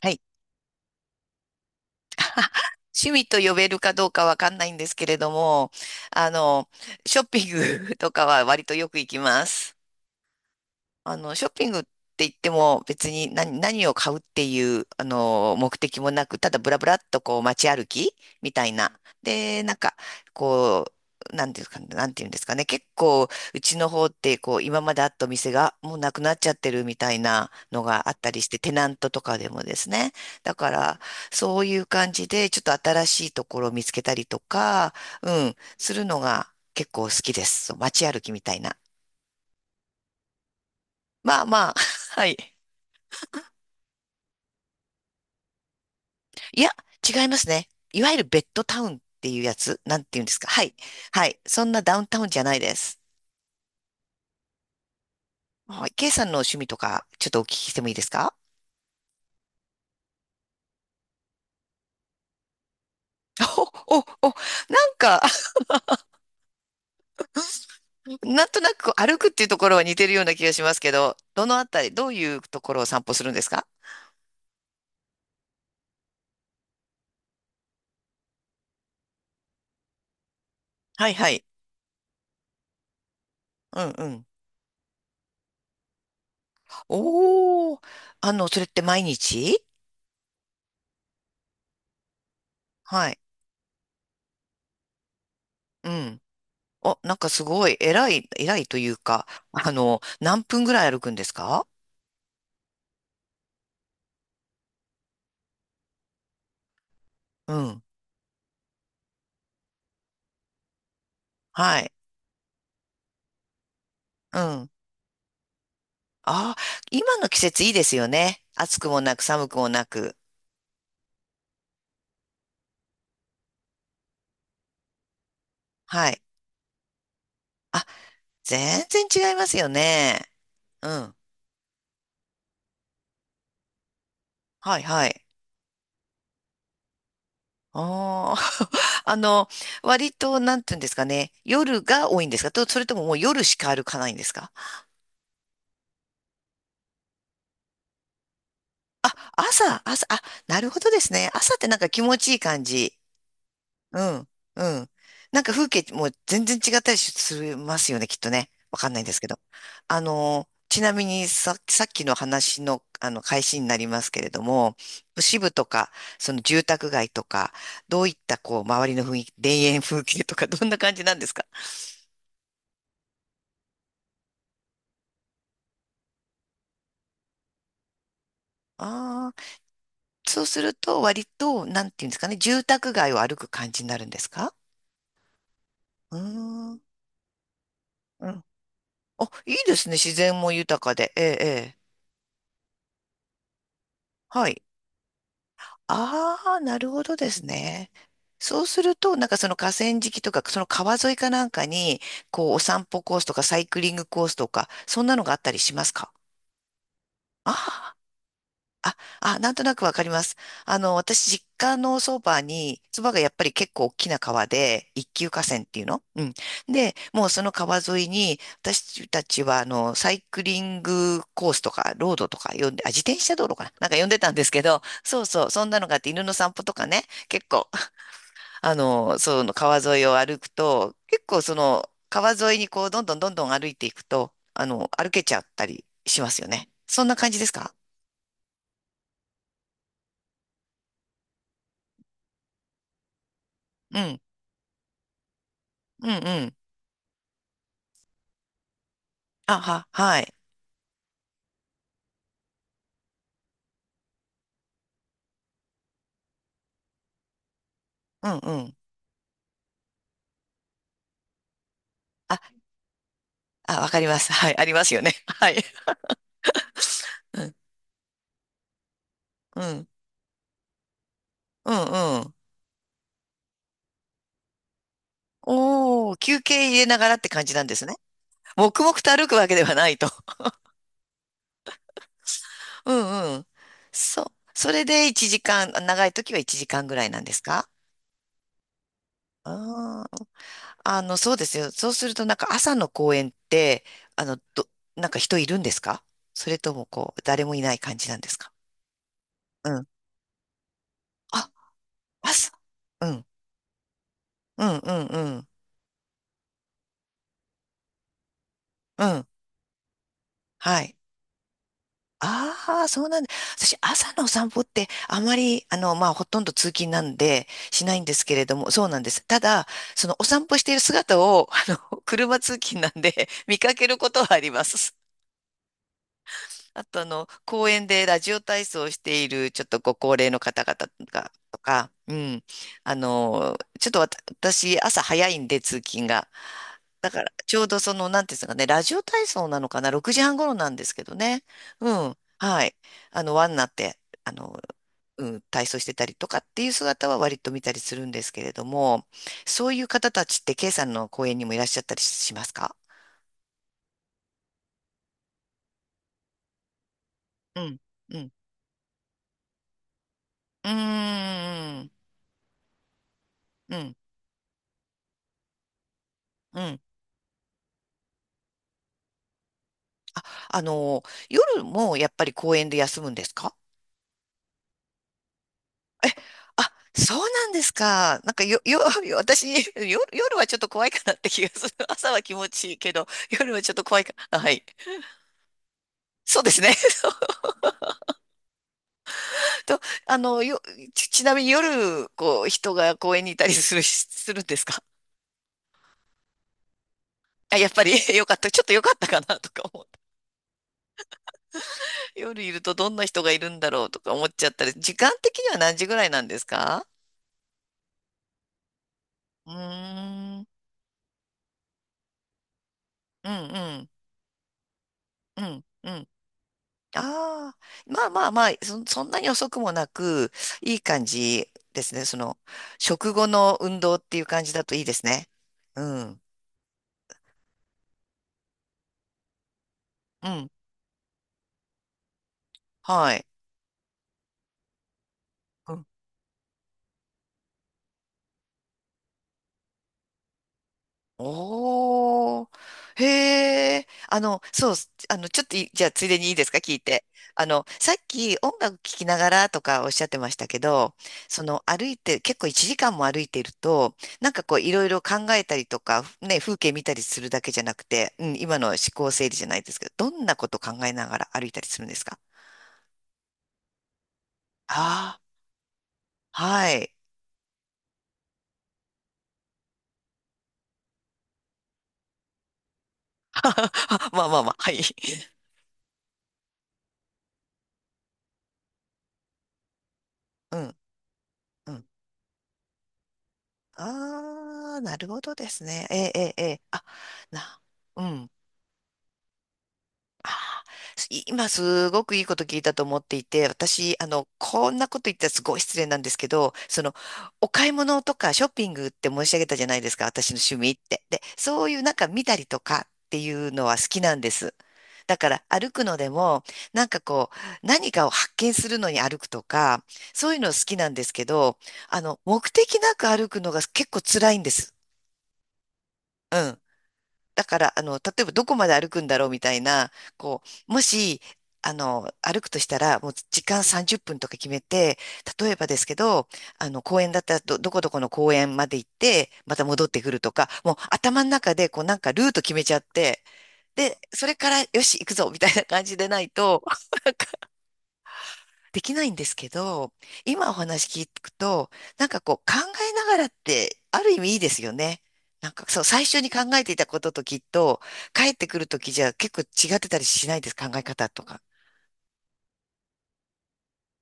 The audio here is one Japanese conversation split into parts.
はい。趣味と呼べるかどうかわかんないんですけれども、あの、ショッピング とかは割とよく行きます。ショッピングって言っても別に何を買うっていう、目的もなく、ただブラブラっとこう街歩きみたいな。で、なんか、こう、なんていうか、なんていうんですかね。結構、うちの方って、こう、今まであったお店がもうなくなっちゃってるみたいなのがあったりして、テナントとかでもですね。だから、そういう感じで、ちょっと新しいところを見つけたりとか、うん、するのが結構好きです。そう街歩きみたいな。まあまあ、はい。いや、違いますね。いわゆるベッドタウンっていうやつ、なんていうんですか。はい。はい。そんなダウンタウンじゃないです。はい。ケイさんの趣味とか、ちょっとお聞きしてもいいですか？お、お、お、なんか、なんとなくこう歩くっていうところは似てるような気がしますけど、どのあたり、どういうところを散歩するんですか？はいはい。うんうん。おー。それって毎日？はい。うん。お、なんかすごい、偉いというか、何分ぐらい歩くんですか？うん。はい。うん。ああ、今の季節いいですよね。暑くもなく寒くもなく。はい。あ、全然違いますよね。うん。はいはい。ああ、あの、割と、なんていうんですかね。夜が多いんですかと、それとももう夜しか歩かないんですか？あ、朝、あ、なるほどですね。朝ってなんか気持ちいい感じ。うん、うん。なんか風景も全然違ったりしますよね、きっとね。わかんないんですけど。ちなみにさっきの話の、開始になりますけれども、都市部とか、その住宅街とか、どういった、こう、周りの雰囲気、田園風景とか、どんな感じなんですか？ああー、そうすると、割と、なんていうんですかね、住宅街を歩く感じになるんですか？うーん、うん。あいいですね、自然も豊かで。ええ、ええ。はい。ああ、なるほどですね。そうすると、なんかその河川敷とか、その川沿いかなんかに、こう、お散歩コースとか、サイクリングコースとか、そんなのがあったりしますか？ああー、あ、あ、なんとなくわかります。私、実家のそばに、そばがやっぱり結構大きな川で、一級河川っていうのうん。で、もうその川沿いに、私たちは、サイクリングコースとか、ロードとか呼んで、あ、自転車道路かななんか呼んでたんですけど、そうそう、そんなのがあって、犬の散歩とかね、結構、その川沿いを歩くと、結構その、川沿いにこう、どんどんどんどん歩いていくと、歩けちゃったりしますよね。そんな感じですか？うん。うんうん。あ、は、はい。うんうん。あ、あ、わかります。はい。ありますよね。はい。うん。うんうん。おー、休憩入れながらって感じなんですね。黙々と歩くわけではないと。うんうん。そう。それで1時間、長い時は1時間ぐらいなんですか？あー、あの、そうですよ。そうすると、なんか朝の公園って、あの、ど、なんか人いるんですか？それとも、こう、誰もいない感じなんですか？うん。あ、朝。うん。うん、うん、うん。うん。はい。ああ、そうなんだ。私、朝のお散歩って、あまり、まあ、ほとんど通勤なんで、しないんですけれども、そうなんです。ただ、その、お散歩している姿を、車通勤なんで、見かけることはあります。あと、公園でラジオ体操をしている、ちょっとご高齢の方々が、とか、うん。ちょっと私、朝早いんで、通勤が。だから、ちょうどその、なんていうんですかね、ラジオ体操なのかな、6時半頃なんですけどね。うん。はい。輪になって、あの、うん、体操してたりとかっていう姿は割と見たりするんですけれども、そういう方たちって、K さんの公演にもいらっしゃったりしますか？うん。うん。うーん。うん。うん。あの、夜もやっぱり公園で休むんですか？え、あ、そうなんですか。なんかよ、よ、よ 私、夜はちょっと怖いかなって気がする。朝は気持ちいいけど、夜はちょっと怖いか。あはい。そうですね。そうと、あの、よ、ち、ちなみに夜、こう、人が公園にいたりする、するんですか？あ、やっぱり よかった。ちょっとよかったかなとか思う。夜いるとどんな人がいるんだろうとか思っちゃったり、時間的には何時ぐらいなんですか？うーん、うん、うん、うん、うん。ああ、まあまあまあ、そ、そんなに遅くもなく、いい感じですね。その、食後の運動っていう感じだといいですね。うん。うん。はい。おー。へえ。そう、ちょっとい、じゃあ、ついでにいいですか、聞いて。さっき音楽聴きながらとかおっしゃってましたけど、その、歩いて、結構1時間も歩いていると、なんかこう、いろいろ考えたりとか、ね、風景見たりするだけじゃなくて、うん、今の思考整理じゃないですけど、どんなこと考えながら歩いたりするんですか？ああー、はい。まあまあまあ、はい。うん、うん。ああ、なるほどですね。ええ、ええ、ええあ、な、うん。ああ、す今、すごくいいこと聞いたと思っていて、私、こんなこと言ったらすごい失礼なんですけど、その、お買い物とかショッピングって申し上げたじゃないですか、私の趣味って。で、そういうなんか見たりとかっていうのは好きなんです。だから、歩くのでも、なんかこう、何かを発見するのに歩くとか、そういうの好きなんですけど、目的なく歩くのが結構辛いんです。だから、例えばどこまで歩くんだろうみたいな、こう、もし、歩くとしたら、もう時間30分とか決めて、例えばですけど、公園だったらど、どこどこの公園まで行って、また戻ってくるとか、もう頭の中で、こう、なんかルート決めちゃって、で、それから、よし、行くぞみたいな感じでないと、できないんですけど、今お話聞くと、なんかこう考えながらってある意味いいですよね。なんかそう、最初に考えていたことときっと、帰ってくるときじゃ結構違ってたりしないです、考え方とか。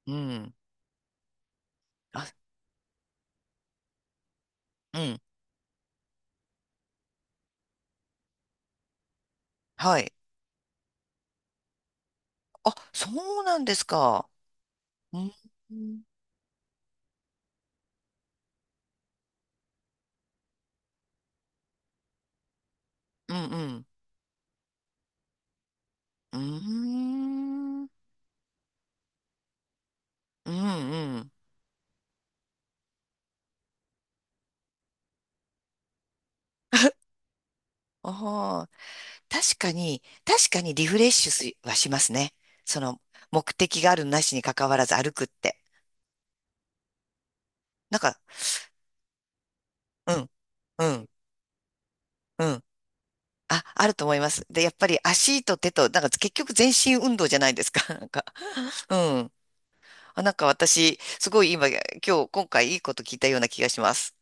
うん。あ、うん。はい。あ、そうなんですか。うん。うん、うん。うーん。うん、うん。ああ、確かに、確かにリフレッシュすはしますね。その、目的があるなしに関わらず歩くって。なんか、うん、うん、うん。あ、あると思います。で、やっぱり足と手と、なんか結局全身運動じゃないですか。なんか、うん。あ、なんか私、すごい今、今日、今回いいこと聞いたような気がします。